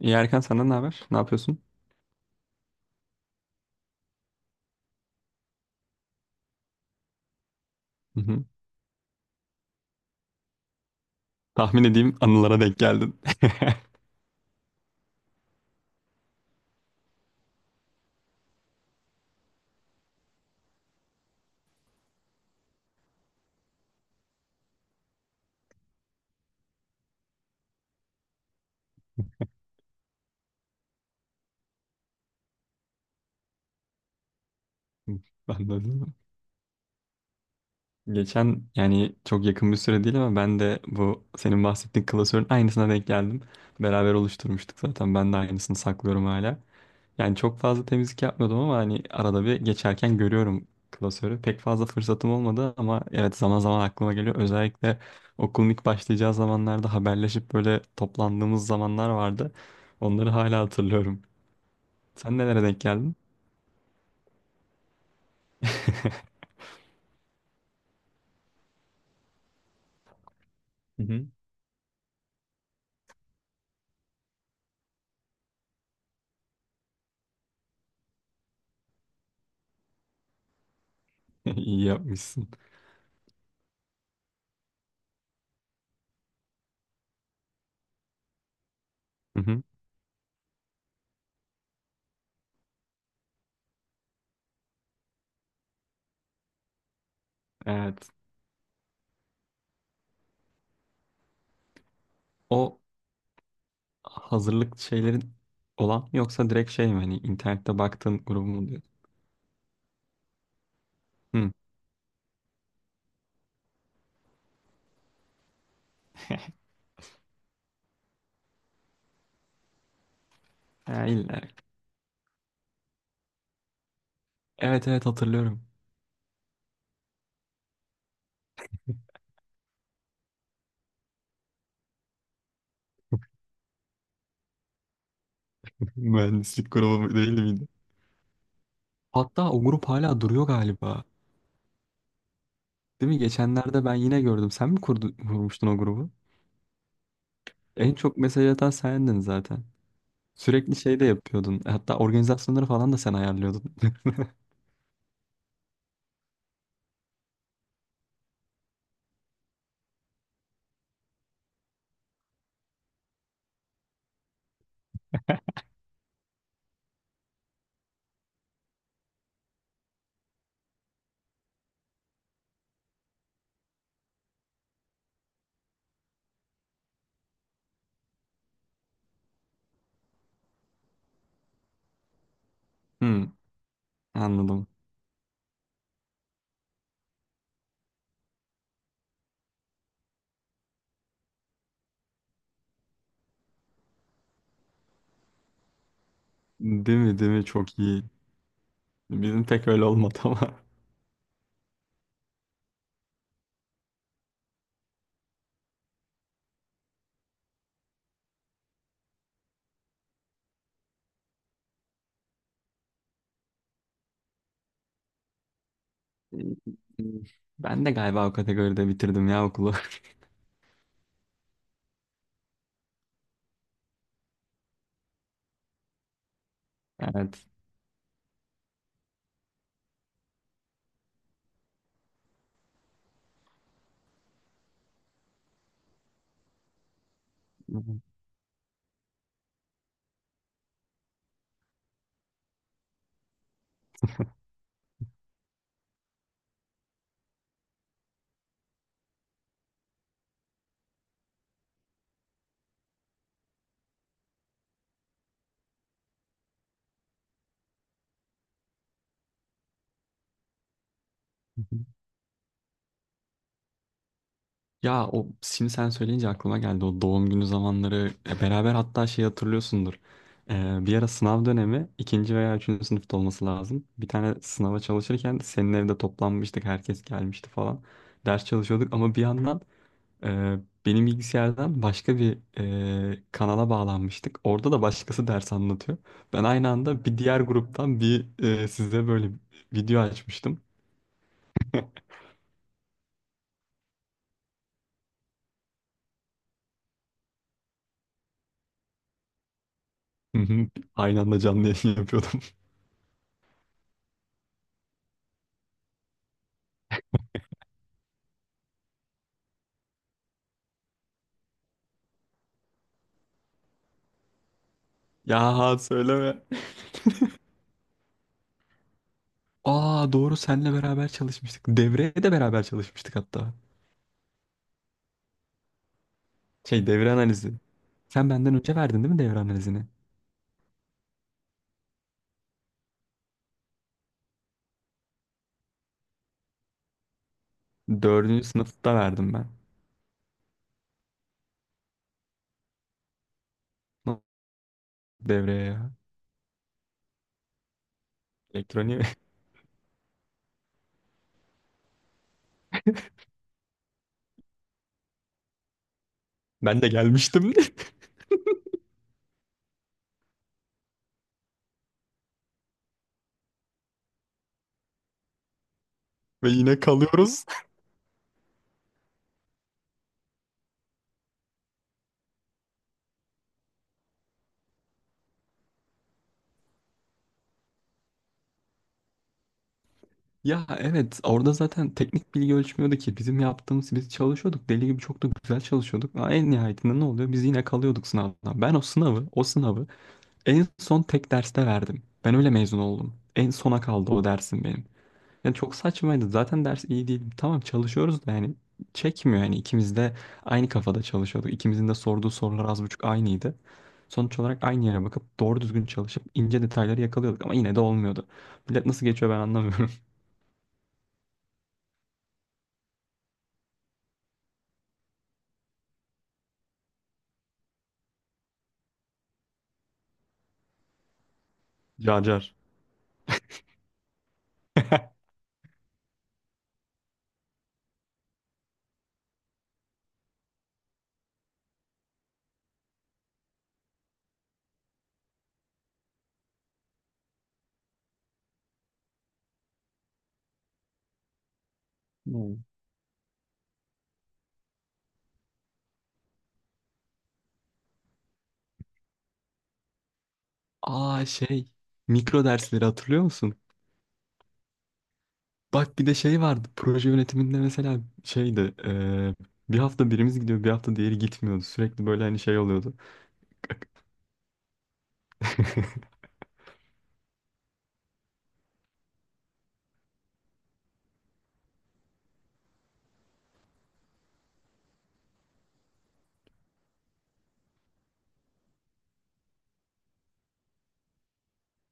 İyi Erkan senden ne haber? Ne yapıyorsun? Hı hı. Tahmin edeyim anılara denk geldin. Ben de öyle mi? Geçen, yani çok yakın bir süre değil, ama ben de bu senin bahsettiğin klasörün aynısına denk geldim. Beraber oluşturmuştuk zaten. Ben de aynısını saklıyorum hala. Yani çok fazla temizlik yapmıyordum ama hani arada bir geçerken görüyorum klasörü. Pek fazla fırsatım olmadı ama evet, zaman zaman aklıma geliyor. Özellikle okulun ilk başlayacağı zamanlarda haberleşip böyle toplandığımız zamanlar vardı. Onları hala hatırlıyorum. Sen nelere denk geldin? Hı hı. İyi yapmışsın. Hı hı. Evet. O hazırlık şeylerin olan mı, yoksa direkt şey mi? Hani internette baktığın grubu mu diyor? Hı. Ha, illa. Evet evet, hatırlıyorum. Mühendislik grubu mu- değil miydi? Hatta o grup hala duruyor galiba. Değil mi? Geçenlerde ben yine gördüm. Sen mi kurdu, kurmuştun o grubu? En çok mesaj atan sendin zaten. Sürekli şey de yapıyordun. Hatta organizasyonları falan da sen ayarlıyordun. Hı, anladım. Değil mi? Değil mi? Çok iyi. Bizim pek öyle olmadı ama. Ben de galiba o kategoride bitirdim ya okulu. Evet. Ya o şimdi sen söyleyince aklıma geldi o doğum günü zamanları. Beraber, hatta şey, hatırlıyorsundur. Bir ara sınav dönemi, ikinci veya üçüncü sınıfta olması lazım. Bir tane sınava çalışırken senin evde toplanmıştık, herkes gelmişti falan. Ders çalışıyorduk ama bir yandan Ee, benim bilgisayardan başka bir kanala bağlanmıştık. Orada da başkası ders anlatıyor. Ben aynı anda bir diğer gruptan bir size böyle video açmıştım. Hı hı, aynı anda canlı yayın yapıyordum. Ya söyleme. Aa doğru, senle beraber çalışmıştık. Devreye de beraber çalışmıştık hatta. Şey, devre analizi. Sen benden önce verdin değil mi devre analizini? Dördüncü sınıfta verdim ben. Devreye ya. Elektroniğe. Ben de gelmiştim ve yine kalıyoruz. Ya evet, orada zaten teknik bilgi ölçmüyordu ki bizim yaptığımız. Biz çalışıyorduk deli gibi, çok da güzel çalışıyorduk ama en nihayetinde ne oluyor, biz yine kalıyorduk sınavdan. Ben o sınavı en son tek derste verdim. Ben öyle mezun oldum. En sona kaldı o dersim benim. Yani çok saçmaydı zaten, ders iyi değil, tamam çalışıyoruz da yani çekmiyor. Yani ikimiz de aynı kafada çalışıyorduk. İkimizin de sorduğu sorular az buçuk aynıydı. Sonuç olarak aynı yere bakıp doğru düzgün çalışıp ince detayları yakalıyorduk ama yine de olmuyordu. Millet nasıl geçiyor, ben anlamıyorum. Car car. Hmm. Aa şey, mikro dersleri hatırlıyor musun? Bak bir de şey vardı, proje yönetiminde mesela, şeydi bir hafta birimiz gidiyor, bir hafta diğeri gitmiyordu. Sürekli böyle hani şey oluyordu.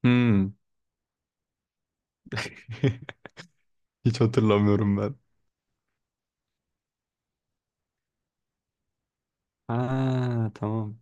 Hmm. Hiç hatırlamıyorum ben. Ha tamam.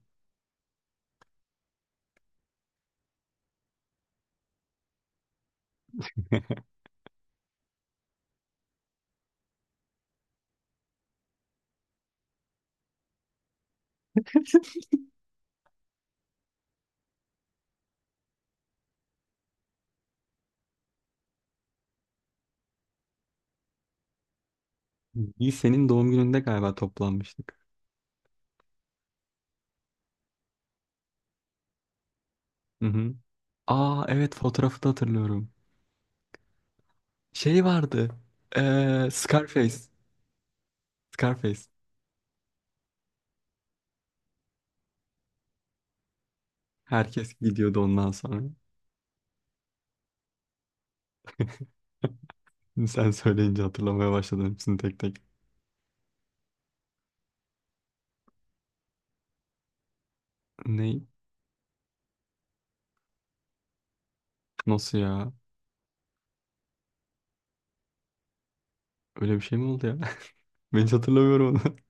Biz senin doğum gününde galiba toplanmıştık. Hı hı. Aa evet, fotoğrafı da hatırlıyorum. Şey vardı. Scarface. Scarface. Herkes gidiyordu ondan sonra. Şimdi sen söyleyince hatırlamaya başladım hepsini tek tek. Ne? Nasıl ya? Öyle bir şey mi oldu ya? Ben hiç hatırlamıyorum onu.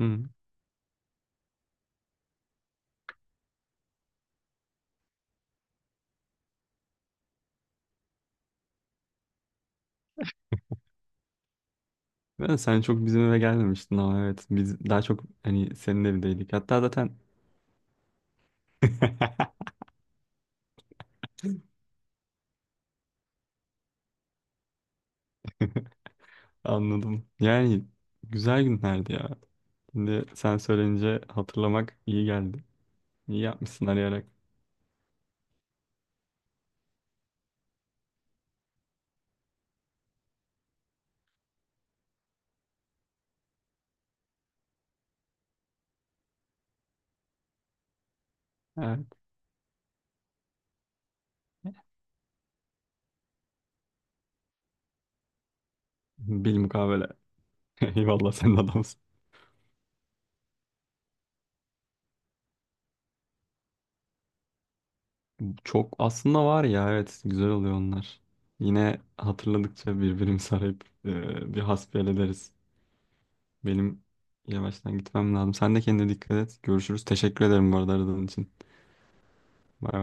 Hı. Ben, sen çok bizim eve gelmemiştin ama evet, biz daha çok hani senin evindeydik. Hatta zaten anladım. Yani güzel günlerdi ya. Şimdi sen söyleyince hatırlamak iyi geldi. İyi yapmışsın arayarak. Evet. Bilmukabele. Eyvallah, sen de adamsın. Çok aslında var ya, evet güzel oluyor onlar. Yine hatırladıkça birbirimizi arayıp bir hasbihal ederiz. Benim yavaştan gitmem lazım. Sen de kendine dikkat et. Görüşürüz. Teşekkür ederim bu arada aradığın için. Bye.